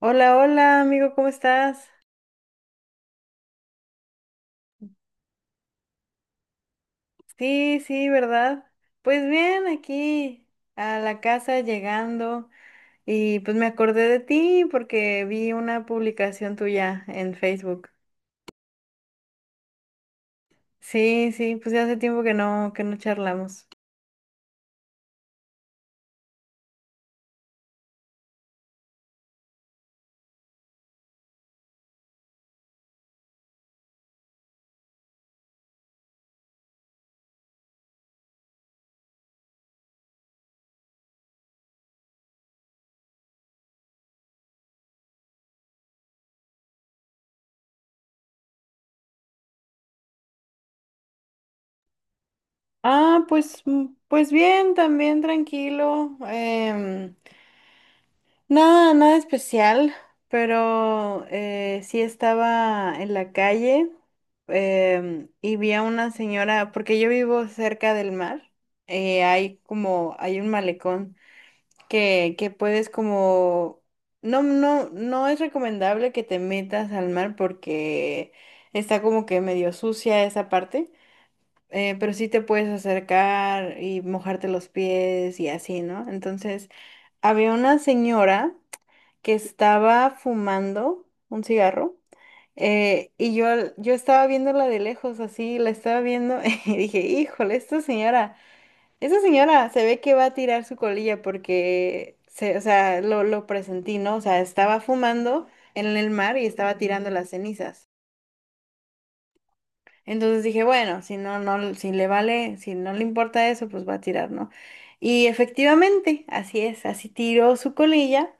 Hola, hola, amigo, ¿cómo estás? Sí, sí, ¿verdad? Pues bien, aquí a la casa llegando y pues me acordé de ti porque vi una publicación tuya en Facebook. Sí, sí, pues ya hace tiempo que no charlamos. Ah, pues mm, pues bien, también tranquilo. Nada, nada especial, pero sí estaba en la calle, y vi a una señora, porque yo vivo cerca del mar. Hay como, hay un malecón que puedes como, no, no, no es recomendable que te metas al mar porque está como que medio sucia esa parte. Pero sí te puedes acercar y mojarte los pies y así, ¿no? Entonces, había una señora que estaba fumando un cigarro, y yo, yo estaba viéndola de lejos, así, la estaba viendo y dije, híjole, esta señora se ve que va a tirar su colilla porque, se, o sea, lo presentí, ¿no? O sea, estaba fumando en el mar y estaba tirando las cenizas. Entonces dije, bueno, si no, no, si le vale, si no le importa eso, pues va a tirar, ¿no? Y efectivamente, así es, así tiró su colilla.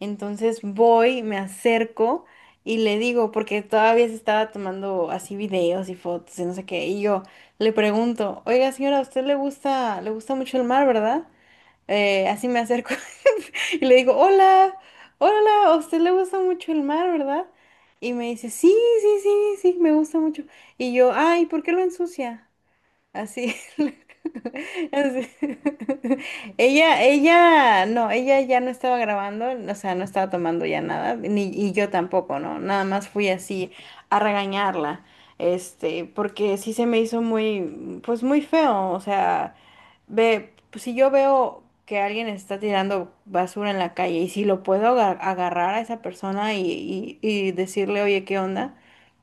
Entonces voy, me acerco y le digo, porque todavía se estaba tomando así videos y fotos y no sé qué, y yo le pregunto, oiga señora, ¿a usted le gusta mucho el mar, ¿verdad? Así me acerco y le digo, hola, hola, a usted le gusta mucho el mar, ¿verdad? Y me dice, sí, sí, sí, sí, me gusta mucho. Y yo, ay, ¿por qué lo ensucia? Así. Así. Ella, no, ella ya no estaba grabando, o sea, no estaba tomando ya nada, ni, y yo tampoco, ¿no? Nada más fui así a regañarla, este, porque sí se me hizo muy, pues muy feo, o sea, ve, pues, si yo veo que alguien está tirando basura en la calle y si lo puedo agarrar a esa persona y, y decirle, oye, ¿qué onda?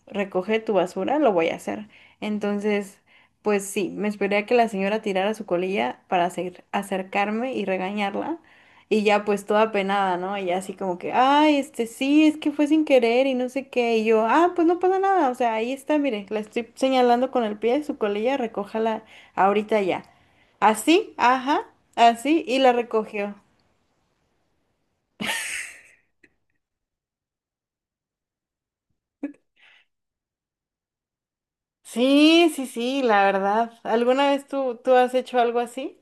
Recoge tu basura, lo voy a hacer. Entonces... Pues sí, me esperé a que la señora tirara su colilla para acercarme y regañarla. Y ya pues toda penada, ¿no? Ella así como que, ay, este sí, es que fue sin querer y no sé qué. Y yo, ah, pues no pasa nada. O sea, ahí está, mire, la estoy señalando con el pie, su colilla, recójala ahorita ya. Así, ajá, así, y la recogió. Sí, sí, sí, la verdad. ¿Alguna vez tú has hecho algo así?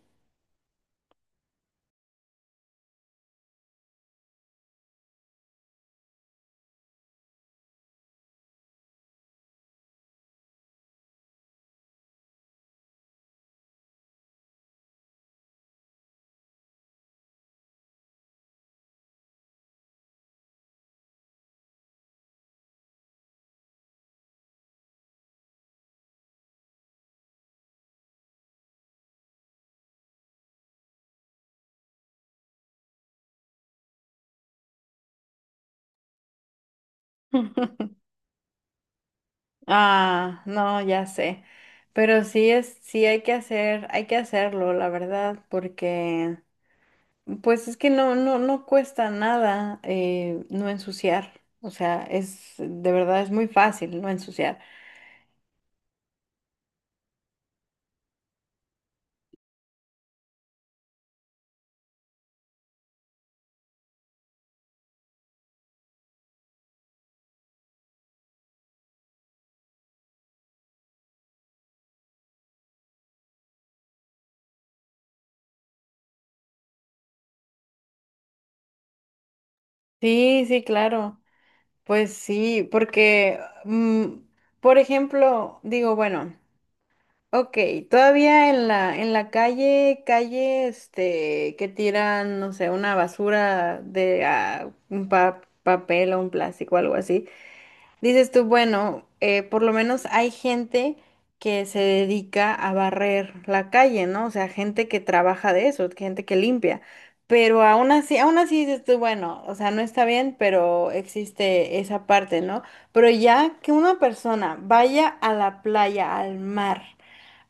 Ah, no, ya sé. Pero sí es, sí hay que hacer, hay que hacerlo, la verdad, porque pues es que no, no, no cuesta nada, no ensuciar. O sea, es, de verdad es muy fácil no ensuciar. Sí, sí, claro. Pues sí, porque, mm, por ejemplo, digo, bueno. Ok, todavía en la calle, calle, este, que tiran, no sé, una basura de ah, un papel o un plástico, algo así. Dices tú, bueno, por lo menos hay gente que se dedica a barrer la calle, ¿no? O sea, gente que trabaja de eso, gente que limpia. Pero aún así dices tú, bueno, o sea, no está bien, pero existe esa parte, ¿no? Pero ya que una persona vaya a la playa, al mar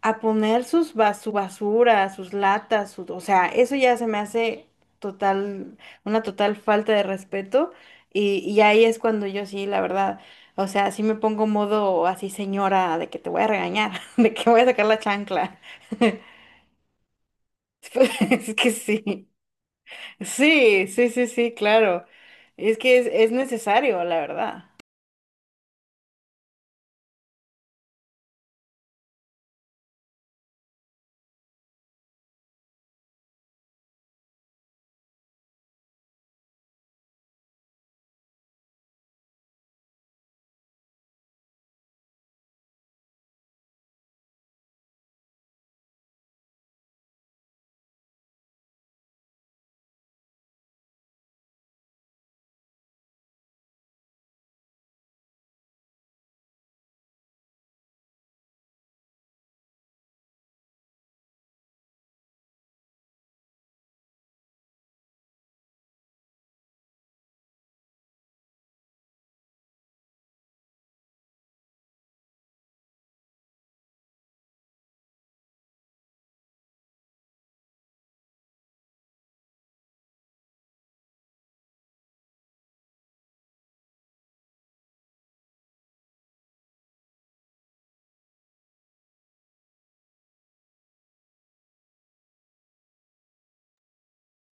a poner sus su basura, sus latas, su- o sea, eso ya se me hace total, una total falta de respeto y ahí es cuando yo sí, la verdad, o sea, sí me pongo modo así señora de que te voy a regañar, de que voy a sacar la chancla. Es que sí, sí, sí, sí, sí, claro. Es que es necesario, la verdad.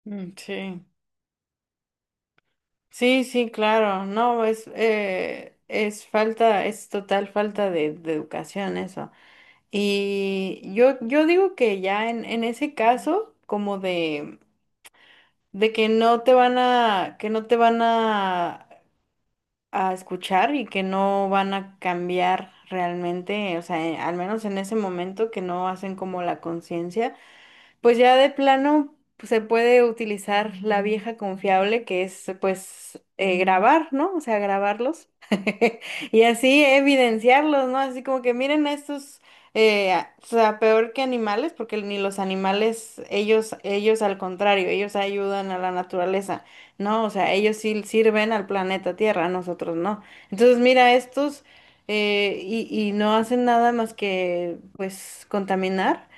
Mm, sí, sí, sí, claro, no, es falta, es total falta de educación eso. Y yo digo que ya en ese caso, como de que no te van a, que no te van a escuchar y que no van a cambiar realmente, o sea, al menos en ese momento que no hacen como la conciencia. Pues ya de plano pues, se puede utilizar la vieja confiable que es pues grabar, ¿no? O sea, grabarlos y así evidenciarlos, ¿no? Así como que miren a estos, o sea, peor que animales, porque ni los animales, ellos al contrario, ellos ayudan a la naturaleza, ¿no? O sea, ellos sí sirven al planeta Tierra, nosotros no. Entonces, mira, estos, y no hacen nada más que pues contaminar.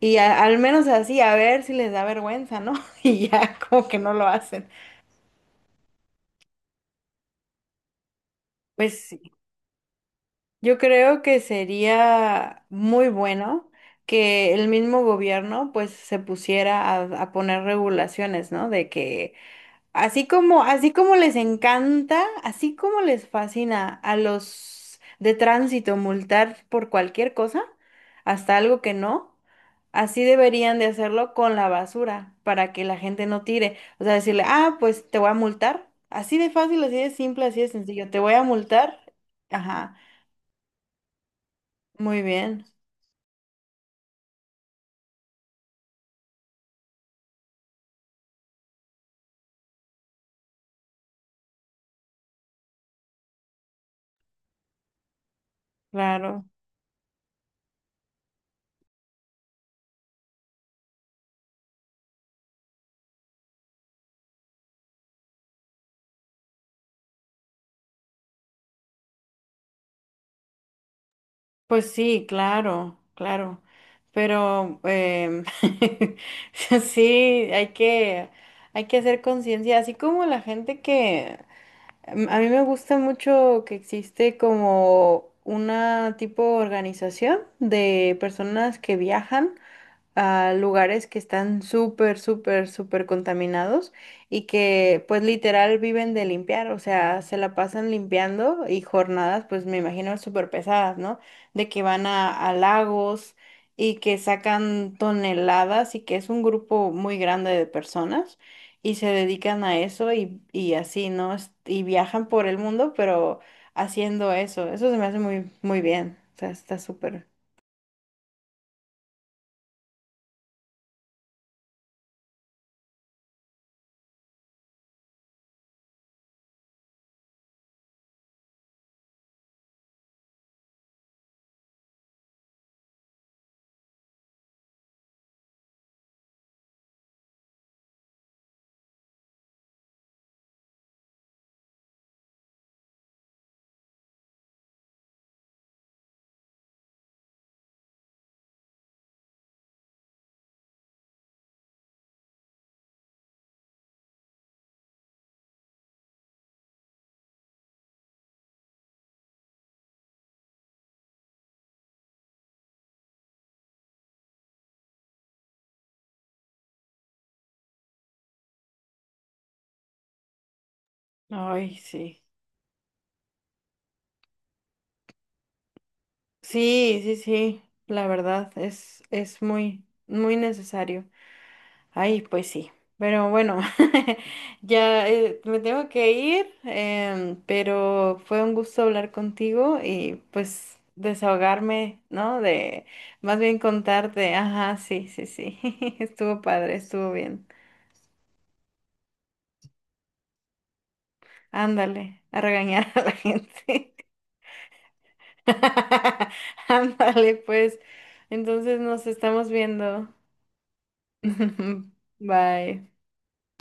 Y al menos así, a ver si les da vergüenza, ¿no? Y ya como que no lo hacen. Pues sí, yo creo que sería muy bueno que el mismo gobierno pues se pusiera a poner regulaciones, ¿no? De que así como, así como les encanta, así como les fascina a los de tránsito multar por cualquier cosa, hasta algo que no, así deberían de hacerlo con la basura para que la gente no tire. O sea, decirle, ah, pues te voy a multar. Así de fácil, así de simple, así de sencillo. Te voy a multar. Ajá, muy bien, claro. Pues sí, claro, claro. Pero sí, hay que, hay que hacer conciencia, así como la gente que a mí me gusta mucho que existe como una tipo de organización de personas que viajan a lugares que están súper, súper, súper contaminados y que pues literal viven de limpiar, o sea, se la pasan limpiando y jornadas pues me imagino súper pesadas, ¿no? De que van a lagos y que sacan toneladas y que es un grupo muy grande de personas y se dedican a eso y así, ¿no? Es- Y viajan por el mundo, pero haciendo eso, eso se me hace muy, muy bien, o sea, está súper. Ay, sí. Sí, sí, sí, la verdad es muy, muy necesario. Ay, pues sí, pero bueno, ya me tengo que ir, pero fue un gusto hablar contigo y pues desahogarme, ¿no? De, más bien contarte, ajá, sí, sí, sí, estuvo padre, estuvo bien. Ándale, a regañar a la gente. Ándale, pues, entonces nos estamos viendo. Bye.